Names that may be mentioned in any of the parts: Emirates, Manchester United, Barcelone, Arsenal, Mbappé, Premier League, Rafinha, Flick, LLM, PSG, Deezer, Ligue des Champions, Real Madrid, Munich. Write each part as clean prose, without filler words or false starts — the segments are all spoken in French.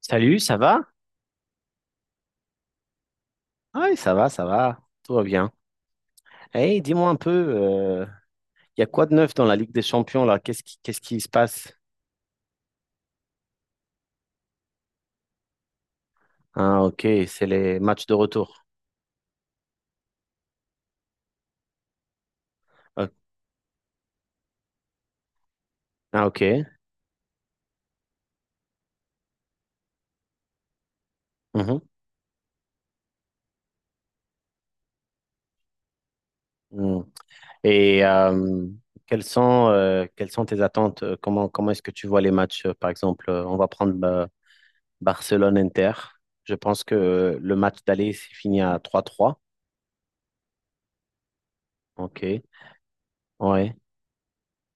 Salut, ça va? Oui, ça va, tout va bien. Hey, dis-moi un peu, il y a quoi de neuf dans la Ligue des Champions là? Qu'est-ce qui se passe? Ah, ok, c'est les matchs de retour. Ah, ah, ok. Mhm. Mm. Et quelles sont tes attentes? Comment est-ce que tu vois les matchs? Par exemple, on va prendre Barcelone-Inter. Je pense que le match d'aller s'est fini à trois trois. Ok, ouais.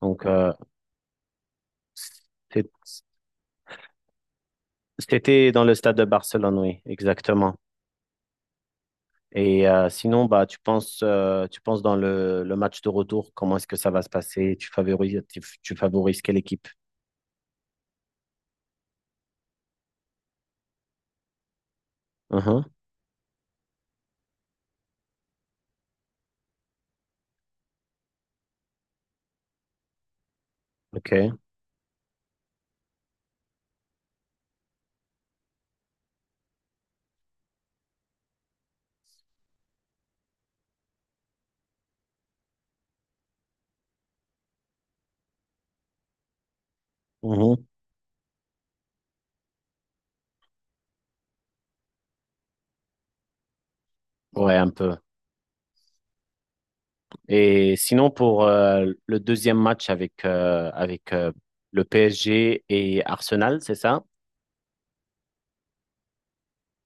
Donc, c'est- c'était dans le stade de Barcelone, oui, exactement. Et sinon, bah, tu penses dans le match de retour, comment est-ce que ça va se passer? Tu favorises, tu favorises quelle équipe? Mhm, ok. Mhm. Ouais, un peu. Et sinon, pour le deuxième match avec, avec le PSG et Arsenal, c'est ça?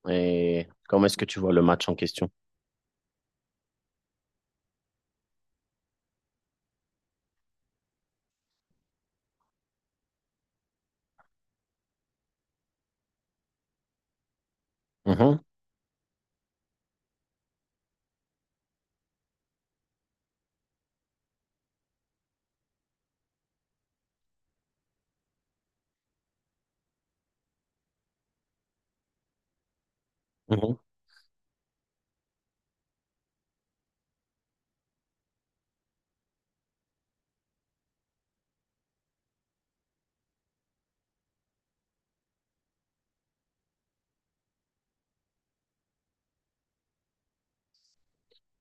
Et comment est-ce que tu vois le match en question? Mhm, mhm.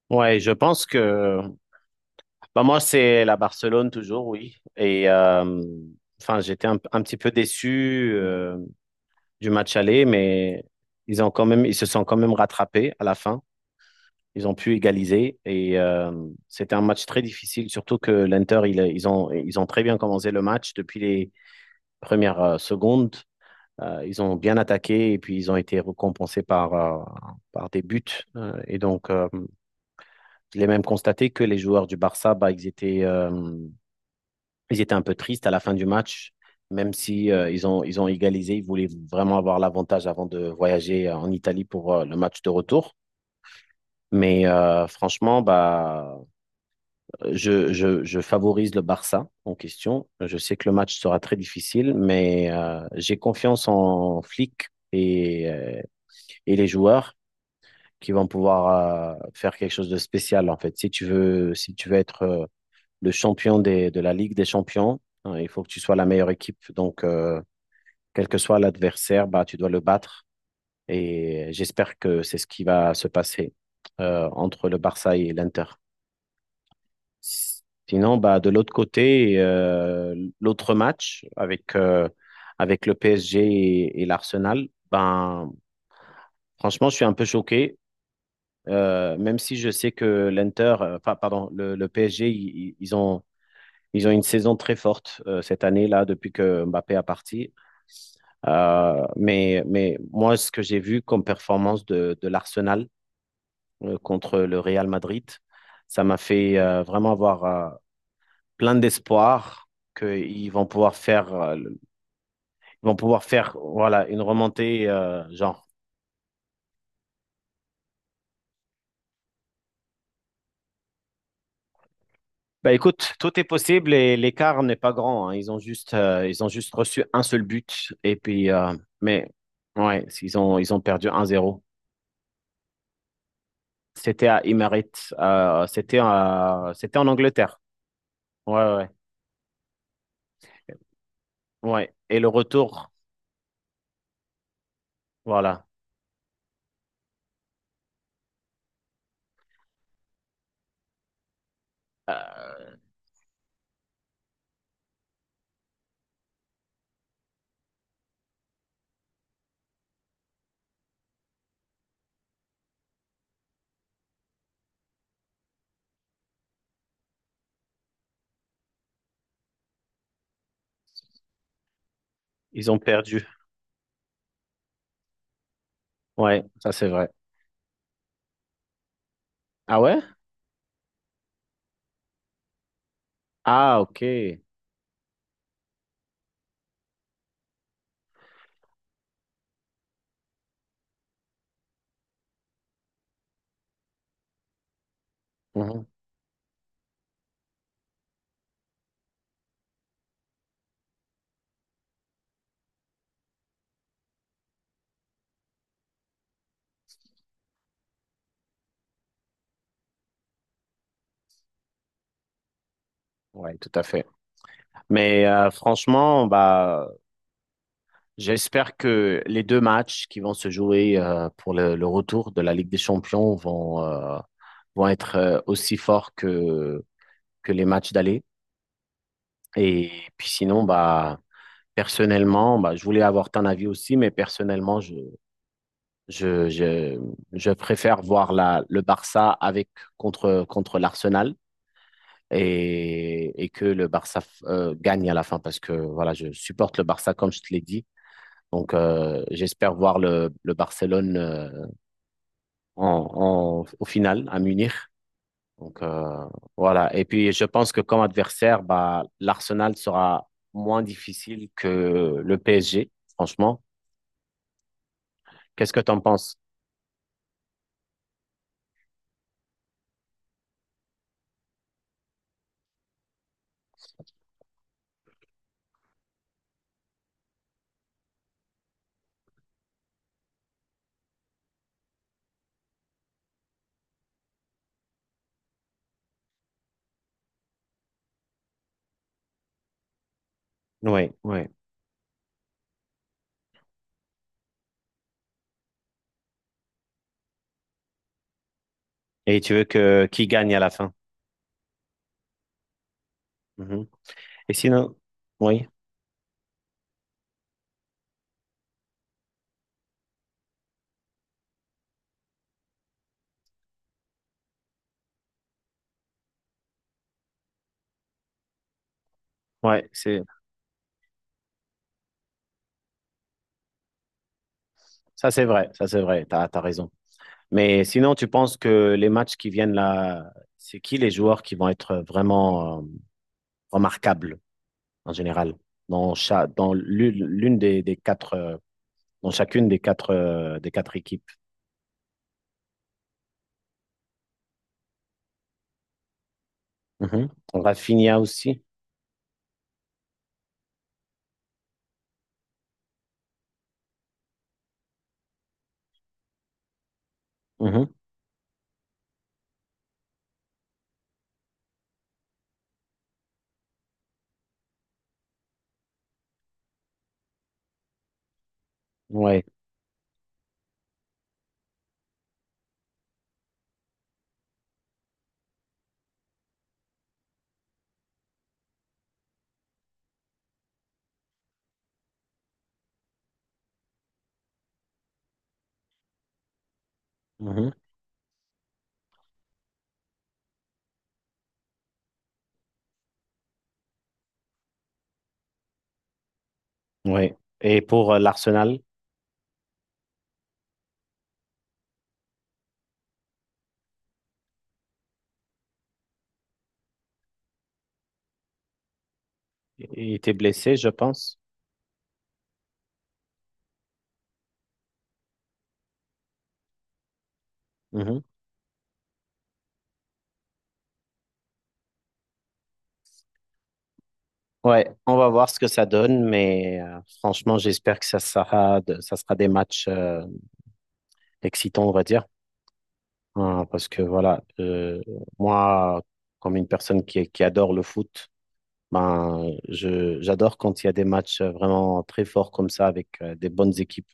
Ouais, je pense que bah, moi, c'est la Barcelone toujours, oui. Et enfin, j'étais un petit peu déçu. Du match aller, mais ils ont quand même, ils se sont quand même rattrapés à la fin. Ils ont pu égaliser et c'était un match très difficile, surtout que l'Inter, ils ont très bien commencé le match depuis les premières secondes. Ils ont bien attaqué et puis ils ont été récompensés par, par des buts. Et donc, je l'ai même constaté que les joueurs du Barça, bah, ils étaient un peu tristes à la fin du match, même si ils ont égalisé. Ils voulaient vraiment avoir l'avantage avant de voyager en Italie pour le match de retour. Mais franchement, bah, je favorise le Barça en question. Je sais que le match sera très difficile, mais j'ai confiance en Flick et les joueurs qui vont pouvoir faire quelque chose de spécial, en fait. Si tu veux, si tu veux être le champion des, de la Ligue des champions, hein, il faut que tu sois la meilleure équipe. Donc, quel que soit l'adversaire, bah, tu dois le battre. Et j'espère que c'est ce qui va se passer entre le Barça et l'Inter. Sinon, bah, de l'autre côté, l'autre match avec, avec le PSG et l'Arsenal, ben, franchement, je suis un peu choqué. Même si je sais que l'Inter, enfin, pardon, le PSG, ils ont une saison très forte cette année-là depuis que Mbappé a parti. Mais moi, ce que j'ai vu comme performance de l'Arsenal contre le Real Madrid, ça m'a fait vraiment avoir plein d'espoir qu'ils vont pouvoir faire, ils vont pouvoir faire voilà, une remontée genre. Bah écoute, tout est possible et l'écart n'est pas grand, hein. Ils ont juste reçu un seul but et puis, mais ouais, ils ont perdu un zéro. C'était à Emirates, c'était en Angleterre. Ouais, ouais. Ouais. Et le retour, voilà. Ils ont perdu. Ouais, ça c'est vrai. Ah ouais? Ah, ok. Mhm. Ouais, tout à fait. Mais franchement, bah, j'espère que les deux matchs qui vont se jouer pour le retour de la Ligue des Champions vont, vont être aussi forts que les matchs d'aller. Et puis sinon, bah, personnellement, bah, je voulais avoir ton avis aussi, mais personnellement, Je, je, je préfère voir le Barça avec contre l'Arsenal et que le Barça gagne à la fin parce que voilà, je supporte le Barça comme je te l'ai dit. Donc j'espère voir le Barcelone au final à Munich. Donc voilà. Et puis je pense que comme adversaire, bah, l'Arsenal sera moins difficile que le PSG, franchement. Qu'est-ce que tu en penses? Oui, oui. Et tu veux que qui gagne à la fin? Mhm. Et sinon, oui, ouais, c'est ça, c'est vrai, t'as raison. Mais sinon, tu penses que les matchs qui viennent là, c'est qui les joueurs qui vont être vraiment remarquables en général dans dans l'une des quatre, dans chacune des quatre équipes? Mhm. Rafinha aussi. Mhm. Ouais, Mhm. Ouais. Et pour l'Arsenal, il était blessé, je pense. Ouais, on va voir ce que ça donne, mais franchement, j'espère que ça sera, ça sera des matchs excitants, on va dire. Hein, parce que voilà, moi, comme une personne qui adore le foot, ben, j'adore quand il y a des matchs vraiment très forts comme ça avec des bonnes équipes.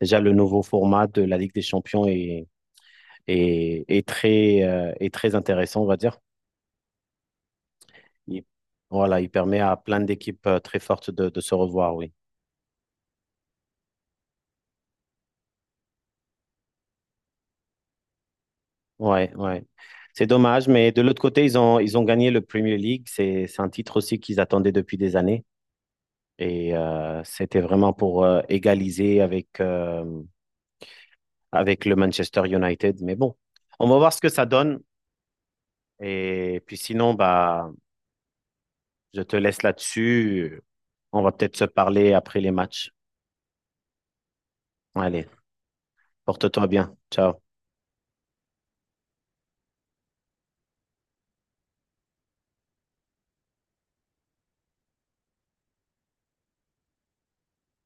Déjà, le nouveau format de la Ligue des Champions est très intéressant, on va dire. Il- voilà, il permet à plein d'équipes très fortes de se revoir, oui. Ouais, ouais. C'est dommage, mais de l'autre côté, ils ont gagné le Premier League. C'est un titre aussi qu'ils attendaient depuis des années. Et c'était vraiment pour égaliser avec, avec le Manchester United. Mais bon, on va voir ce que ça donne. Et puis sinon, bah, je te laisse là-dessus. On va peut-être se parler après les matchs. Allez, porte-toi bien. Ciao.